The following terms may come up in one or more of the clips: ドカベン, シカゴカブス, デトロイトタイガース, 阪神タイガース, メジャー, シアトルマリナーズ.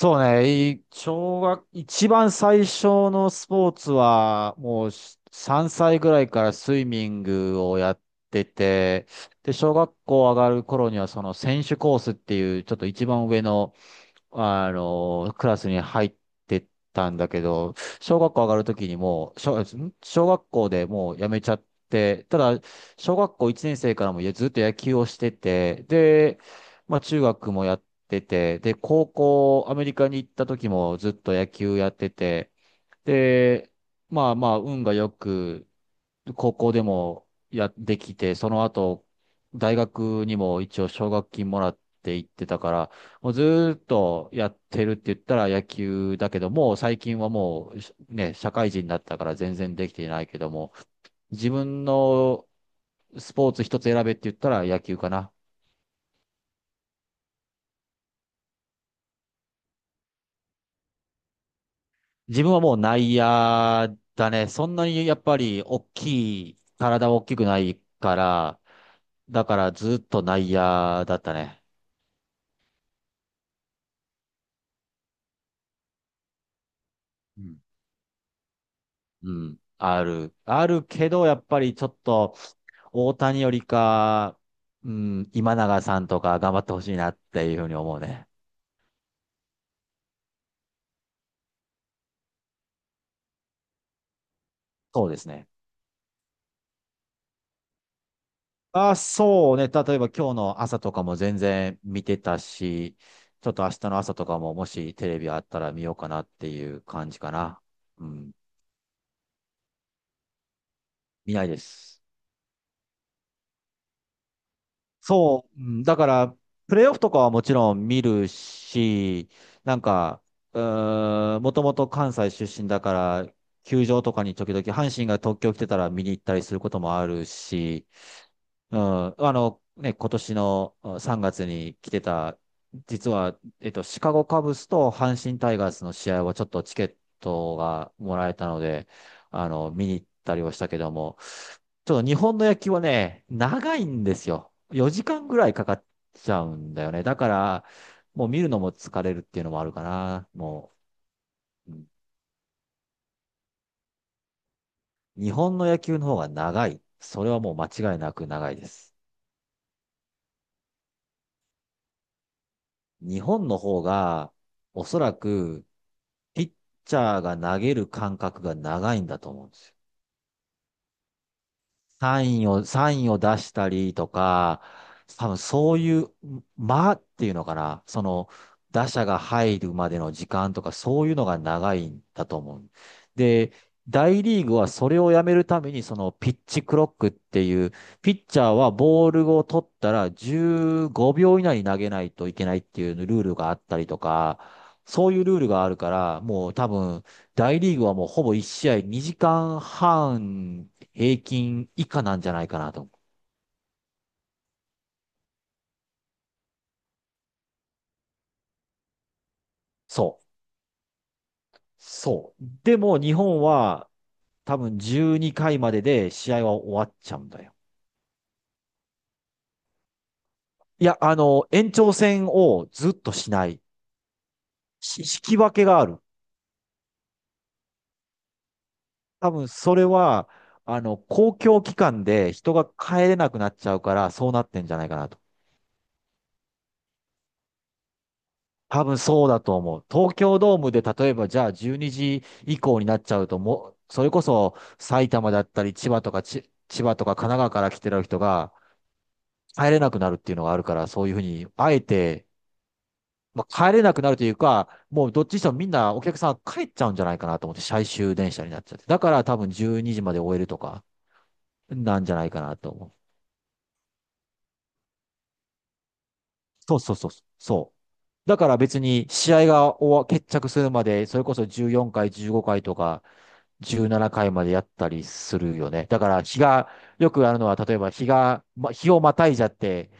そうね、い小学、一番最初のスポーツは、もう3歳ぐらいからスイミングをやってて、で、小学校上がる頃には、その選手コースっていう、ちょっと一番上のクラスに入ってったんだけど、小学校上がるときにもう、小学校でもう辞めちゃって、ただ、小学校1年生からもずっと野球をしてて、で、まあ中学もやってて、で、高校アメリカに行った時もずっと野球やってて、で、まあまあ運がよく、高校でもやってきて、その後、大学にも一応奨学金もらって行ってたから、もうずーっとやってるって言ったら野球だけども、最近はもうね、社会人になったから全然できていないけども、自分のスポーツ一つ選べって言ったら野球かな。自分はもう内野だね。そんなにやっぱり大きい、体大きくないから、だからずっと内野だったね。うんうん。ある。あるけど、やっぱりちょっと、大谷よりか、うん、今永さんとか頑張ってほしいなっていうふうに思うね。そうですね。あ、そうね。例えば今日の朝とかも全然見てたし、ちょっと明日の朝とかももしテレビあったら見ようかなっていう感じかな。うん。見ないです。そう、うん、だから、プレーオフとかはもちろん見るし、なんか、もともと関西出身だから、球場とかに時々、阪神が東京来てたら見に行ったりすることもあるし、うん、ね、今年の、うん、3月に来てた、実は、シカゴカブスと阪神タイガースの試合はちょっとチケットがもらえたので、見に行ったりはしたけども、ちょっと日本の野球はね、長いんですよ。4時間ぐらいかかっちゃうんだよね。だから、もう見るのも疲れるっていうのもあるかな。もう、うん、日本の野球の方が長い。それはもう間違いなく長いです。日本の方が、おそらく、ピッチャーが投げる感覚が長いんだと思うんですよ。サインを出したりとか、多分そういう、間っていうのかな、打者が入るまでの時間とか、そういうのが長いんだと思う。で、大リーグはそれをやめるために、そのピッチクロックっていう、ピッチャーはボールを取ったら15秒以内に投げないといけないっていうルールがあったりとか、そういうルールがあるから、もう多分、大リーグはもうほぼ1試合2時間半平均以下なんじゃないかなと思う。そう。そう。でも日本は多分12回までで試合は終わっちゃうんだよ。いや、延長戦をずっとしない。し引き分けがある。多分それは、公共機関で人が帰れなくなっちゃうから、そうなってんじゃないかなと。多分そうだと思う。東京ドームで例えばじゃあ12時以降になっちゃうともう、それこそ埼玉だったり千葉とか神奈川から来てる人が帰れなくなるっていうのがあるから、そういうふうに、あえて、まあ、帰れなくなるというか、もうどっちにしてもみんなお客さん帰っちゃうんじゃないかなと思って、最終電車になっちゃって。だから多分12時まで終えるとか、なんじゃないかなと思う。そうそうそう。そう。だから別に試合が終わ、決着するまで、それこそ14回、15回とか、17回までやったりするよね。だからよくあるのは、例えば日をまたいじゃって、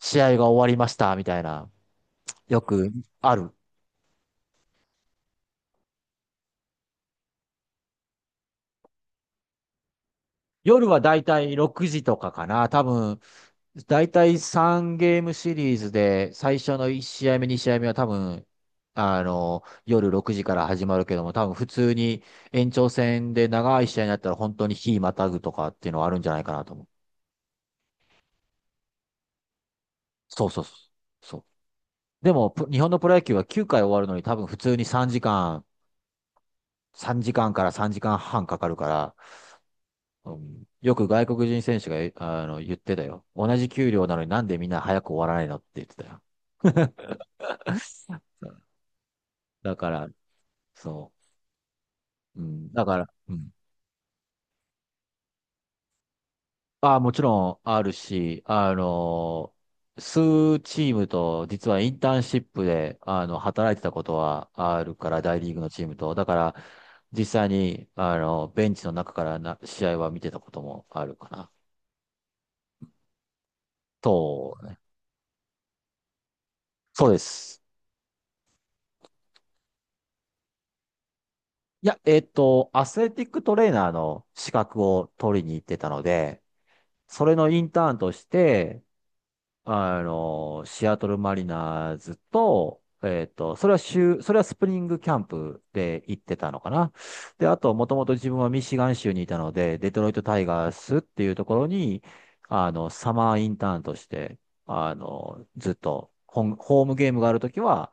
試合が終わりました、みたいな、よくある。夜はだいたい6時とかかな。多分、だいたい3ゲームシリーズで、最初の1試合目、2試合目は多分、夜6時から始まるけども、多分普通に延長戦で長い試合になったら本当に日またぐとかっていうのはあるんじゃないかなと思う。そうそうそう。そう。でも、日本のプロ野球は9回終わるのに多分普通に3時間、3時間かんから3時間半かかるから、うん、よく外国人選手が、言ってたよ。同じ給料なのになんでみんな早く終わらないのって言ってたよ。だから、そう。うん、だから、うん。ああ、もちろんあるし、数チームと、実はインターンシップで、働いてたことはあるから、大リーグのチームと。だから、実際に、ベンチの中からな、試合は見てたこともあるかな。と、そうです。いや、アスレティックトレーナーの資格を取りに行ってたので、それのインターンとして、シアトルマリナーズと、それはスプリングキャンプで行ってたのかな。で、あと、もともと自分はミシガン州にいたので、デトロイトタイガースっていうところに、サマーインターンとして、ずっとホームゲームがあるときは、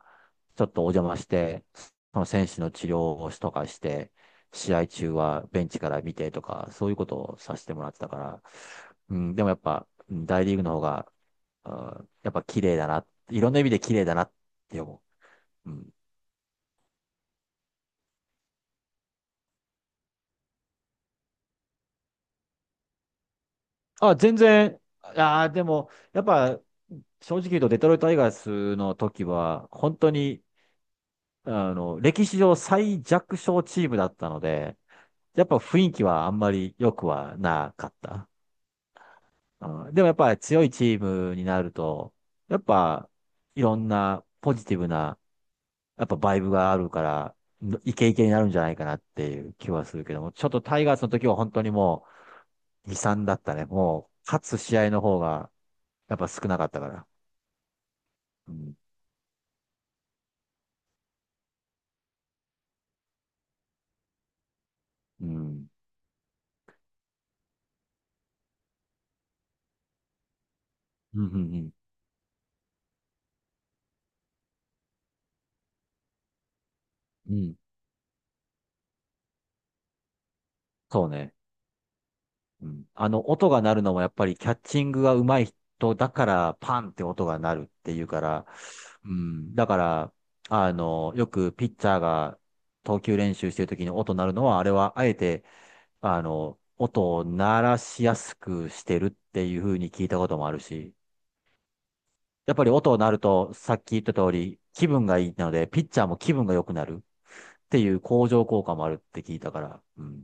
ちょっとお邪魔して、その選手の治療をしとかして、試合中はベンチから見てとか、そういうことをさせてもらってたから、うん、でもやっぱ、うん、大リーグの方が、うん、やっぱ綺麗だな。いろんな意味で綺麗だなって思う。うん。あ、全然、ああ、でも、やっぱ、正直言うと、デトロイト・タイガースの時は、本当に、歴史上最弱小チームだったので、やっぱ雰囲気はあんまり良くはなかった。うん、でもやっぱり強いチームになると、やっぱ、いろんなポジティブな、やっぱバイブがあるから、イケイケになるんじゃないかなっていう気はするけども、ちょっとタイガースの時は本当にも悲惨だったね。もう、勝つ試合の方が、やっぱ少なかったから。うん。うん。うん。うん。うんうん、そうね。うん。音が鳴るのもやっぱりキャッチングが上手い人だから、パンって音が鳴るっていうから、うん。だから、よくピッチャーが投球練習してる時に音鳴るのは、あれはあえて、音を鳴らしやすくしてるっていう風に聞いたこともあるし、やっぱり音になると、さっき言った通り、気分がいいので、ピッチャーも気分が良くなるっていう向上効果もあるって聞いたから、うん。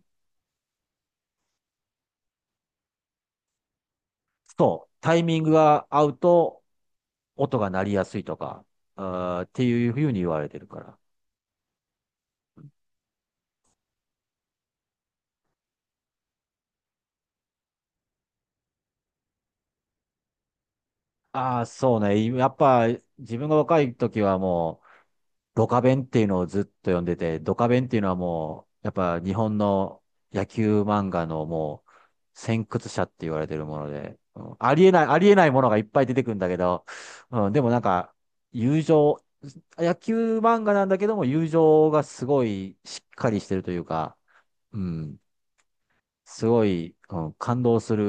そう、タイミングが合うと、音が鳴りやすいとか、あーっていうふうに言われてるから。ああ、そうね。やっぱ、自分が若い時はもう、ドカベンっていうのをずっと読んでて、ドカベンっていうのはもう、やっぱ日本の野球漫画のもう、先駆者って言われてるもので、うん、ありえない、ありえないものがいっぱい出てくるんだけど、うん、でもなんか、友情、野球漫画なんだけども、友情がすごいしっかりしてるというか、うん、すごい、うん、感動する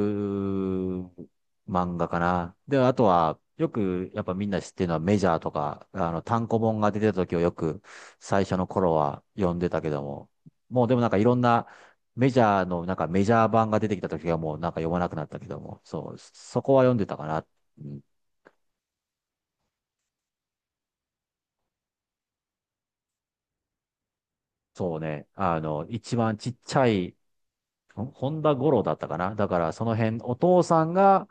漫画かな。で、あとは、よく、やっぱみんな知ってるのはメジャーとか、単行本が出てた時をよく、最初の頃は読んでたけども、もうでもなんかいろんな、メジャーの、なんかメジャー版が出てきた時はもうなんか読まなくなったけども、そう、そこは読んでたかな。うん、そうね、一番ちっちゃい、本田五郎だったかな。だからその辺、お父さんが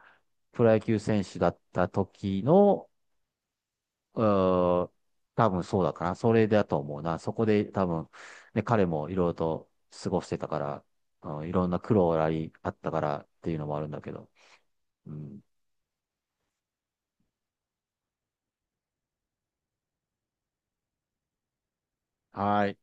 プロ野球選手だった時の、うーん、多分そうだかな。それだと思うな。そこで多分、ね、彼もいろいろと過ごしてたから、うん、いろんな苦労があったからっていうのもあるんだけど。うん。はい。